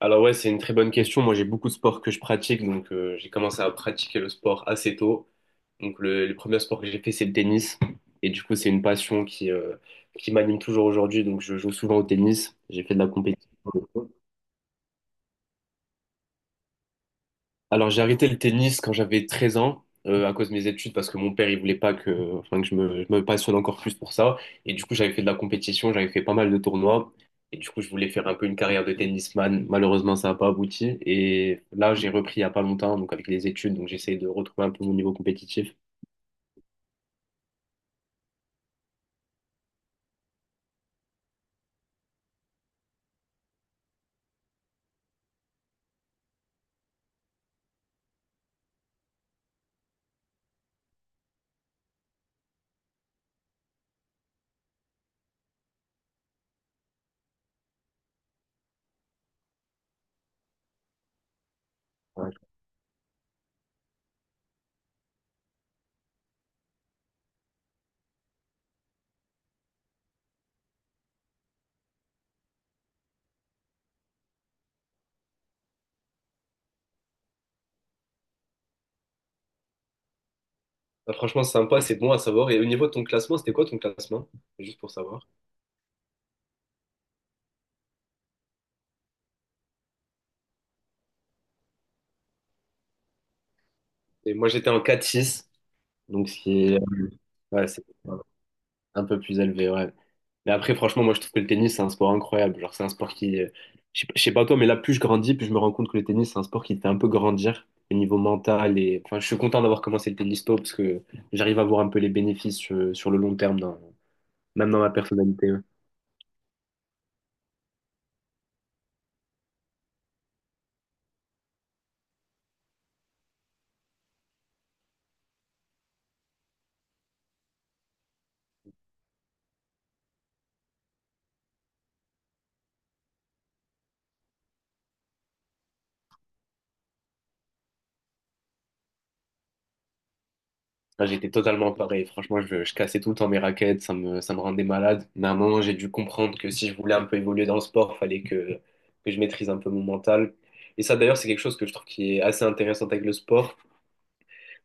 Alors ouais, c'est une très bonne question. Moi, j'ai beaucoup de sports que je pratique, donc j'ai commencé à pratiquer le sport assez tôt. Donc le premier sport que j'ai fait, c'est le tennis. Et du coup, c'est une passion qui m'anime toujours aujourd'hui. Donc je joue souvent au tennis. J'ai fait de la compétition. Alors j'ai arrêté le tennis quand j'avais 13 ans à cause de mes études parce que mon père il voulait pas que, enfin, que je me passionne encore plus pour ça, et du coup j'avais fait de la compétition, j'avais fait pas mal de tournois et du coup je voulais faire un peu une carrière de tennisman. Malheureusement ça n'a pas abouti et là j'ai repris il y a pas longtemps donc avec les études, donc j'essaie de retrouver un peu mon niveau compétitif. Ouais. Bah, franchement c'est sympa, c'est bon à savoir, et au niveau de ton classement, c'était quoi ton classement? Juste pour savoir. Et moi, j'étais en 4 six, donc ce qui est, ouais, c'est un peu plus élevé, ouais. Mais après, franchement, moi, je trouve que le tennis, c'est un sport incroyable. Genre, c'est un sport qui, je sais pas toi, mais là, plus je grandis, plus je me rends compte que le tennis, c'est un sport qui te fait un peu grandir au niveau mental. Et enfin, je suis content d'avoir commencé le tennis tôt parce que j'arrive à voir un peu les bénéfices sur le long terme, même dans ma personnalité. Ouais. Là, j'étais totalement pareil. Franchement, je cassais tout le temps mes raquettes, ça me rendait malade. Mais à un moment, j'ai dû comprendre que si je voulais un peu évoluer dans le sport, que je maîtrise un peu mon mental. Et ça, d'ailleurs, c'est quelque chose que je trouve qui est assez intéressant avec le sport.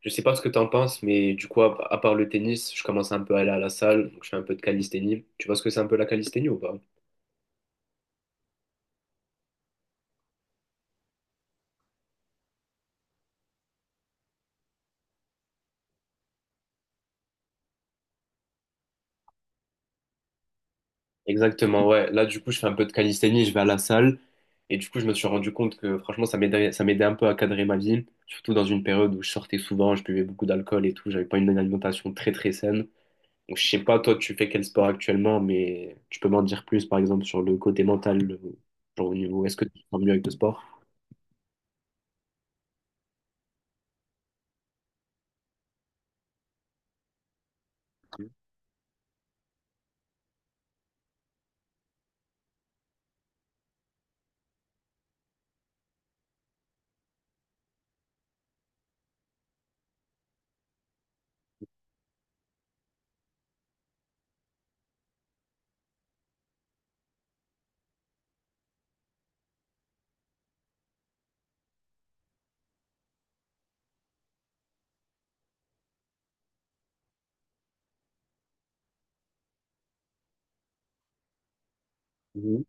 Je sais pas ce que t'en penses, mais du coup, à part le tennis, je commence un peu à aller à la salle. Donc, je fais un peu de calisthénie. Tu vois ce que c'est un peu la calisthénie ou pas? Exactement, ouais. Là, du coup, je fais un peu de calisthénie, je vais à la salle. Et du coup, je me suis rendu compte que franchement, ça m'aidait un peu à cadrer ma vie. Surtout dans une période où je sortais souvent, je buvais beaucoup d'alcool et tout. J'avais pas une alimentation très, très saine. Donc, je sais pas, toi, tu fais quel sport actuellement, mais tu peux m'en dire plus, par exemple, sur le côté mental, genre au niveau, est-ce que tu te sens mieux avec le sport? Mhm.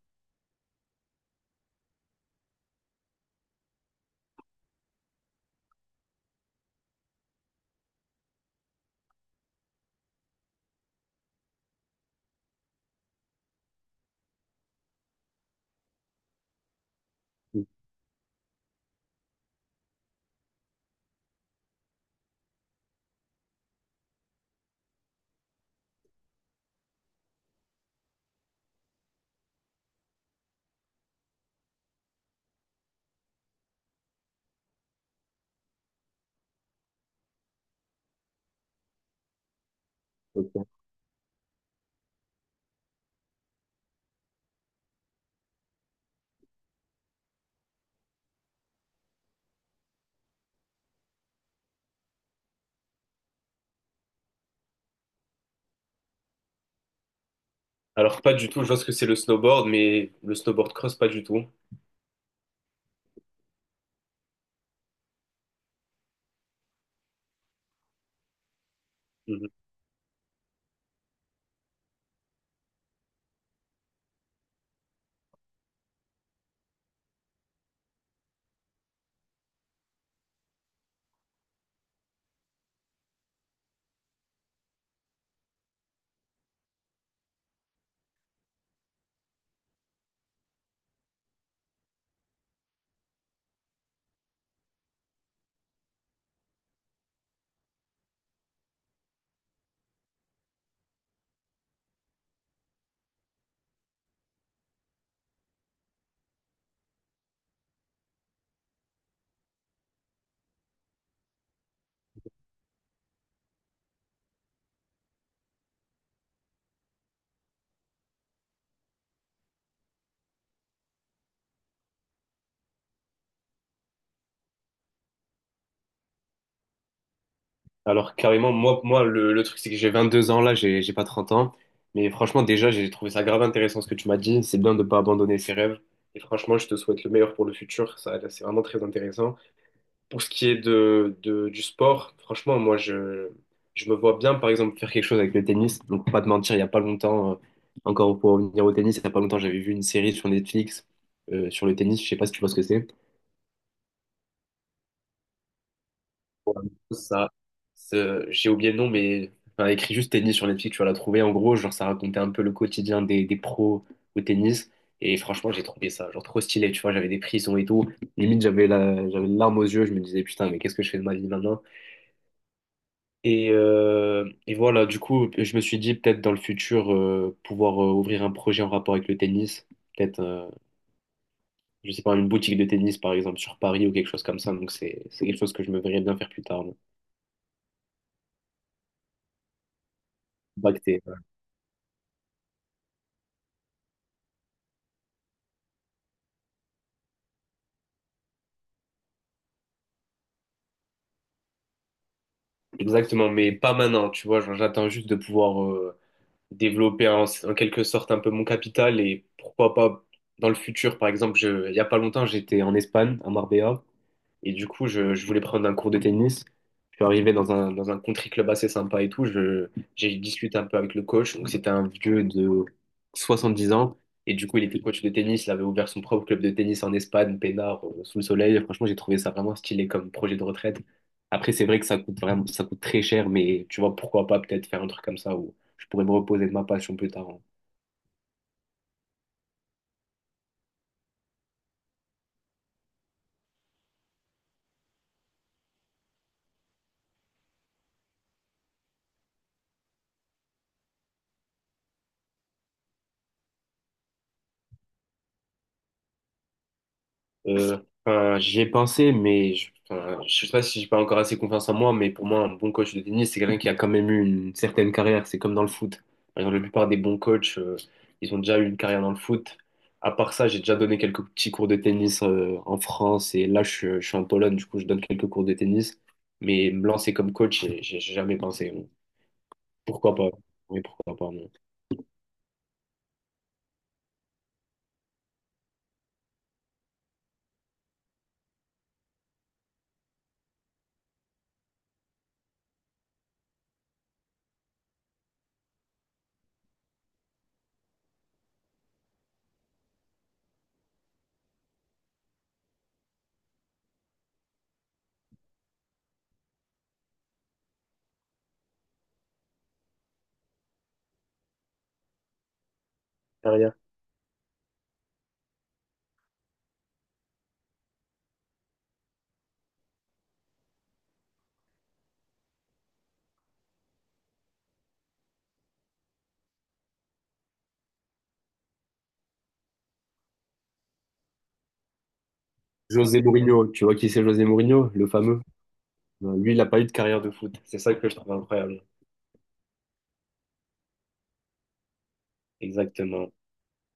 Ok. Alors, pas du tout, je vois ce que c'est le snowboard, mais le snowboard cross, pas du tout. Alors carrément, le truc c'est que j'ai 22 ans là, j'ai pas 30 ans. Mais franchement déjà j'ai trouvé ça grave intéressant ce que tu m'as dit. C'est bien de pas abandonner ses rêves. Et franchement je te souhaite le meilleur pour le futur. Ça c'est vraiment très intéressant. Pour ce qui est du sport, franchement je me vois bien par exemple faire quelque chose avec le tennis. Donc pour pas te mentir, il y a pas longtemps, encore pour revenir au tennis, il y a pas longtemps j'avais vu une série sur Netflix sur le tennis. Je sais pas si tu vois ce que c'est. Ça, j'ai oublié le nom, mais enfin, écrit juste tennis sur Netflix, tu vas la trouver. En gros, genre, ça racontait un peu le quotidien des pros au tennis. Et franchement, j'ai trouvé ça, genre, trop stylé, tu vois. J'avais des prisons et tout. Limite, j'avais une larme aux yeux. Je me disais, putain, mais qu'est-ce que je fais de ma vie maintenant? Et voilà, du coup, je me suis dit, peut-être dans le futur, pouvoir ouvrir un projet en rapport avec le tennis. Peut-être, je sais pas, une boutique de tennis, par exemple, sur Paris ou quelque chose comme ça. Donc, c'est quelque chose que je me verrais bien faire plus tard. Là. Bac. Exactement, mais pas maintenant, tu vois, genre, j'attends juste de pouvoir développer en quelque sorte un peu mon capital, et pourquoi pas dans le futur, par exemple, il y a pas longtemps, j'étais en Espagne, à Marbella, et du coup, je voulais prendre un cours de tennis. Je suis arrivé dans un country club assez sympa et tout. J'ai discuté un peu avec le coach. Donc, c'était un vieux de 70 ans. Et du coup, il était coach de tennis. Il avait ouvert son propre club de tennis en Espagne, peinard, sous le soleil. Franchement, j'ai trouvé ça vraiment stylé comme projet de retraite. Après, c'est vrai que ça coûte très cher, mais tu vois, pourquoi pas peut-être faire un truc comme ça où je pourrais me reposer de ma passion plus tard, hein. Euh, enfin, j'y ai pensé, mais je, enfin, je sais pas si j'ai pas encore assez confiance en moi, mais pour moi, un bon coach de tennis, c'est quelqu'un qui a quand même eu une certaine carrière. C'est comme dans le foot. Par exemple, la plupart des bons coachs, ils ont déjà eu une carrière dans le foot. À part ça, j'ai déjà donné quelques petits cours de tennis, en France, et là, je suis en Pologne, du coup, je donne quelques cours de tennis. Mais me lancer comme coach, j'ai jamais pensé. Pourquoi pas? Mais pourquoi pas, non. Carrière. José Mourinho, tu vois qui c'est José Mourinho, le fameux? Ben, lui, il n'a pas eu de carrière de foot. C'est ça que je trouve incroyable. Exactement.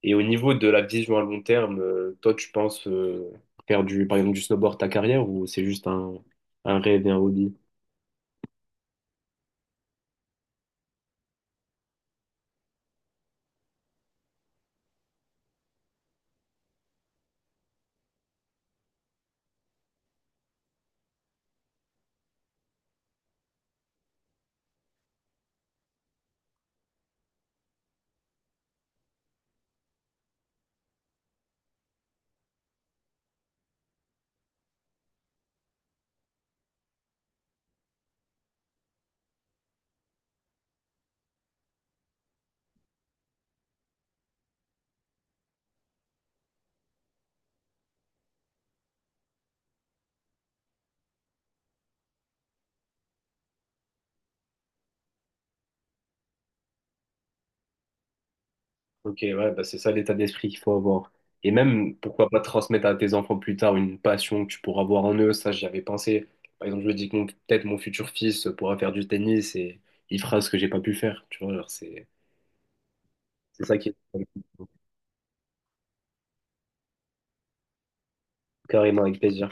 Et au niveau de la vision à long terme, toi, tu penses faire du, par exemple, du snowboard ta carrière, ou c'est juste un rêve et un hobby? Ok, ouais, bah c'est ça l'état d'esprit qu'il faut avoir. Et même, pourquoi pas transmettre à tes enfants plus tard une passion que tu pourras voir en eux. Ça, j'y avais pensé. Par exemple, je me dis que peut-être mon futur fils pourra faire du tennis et il fera ce que j'ai pas pu faire. Tu vois, genre, c'est ça qui est carrément avec plaisir.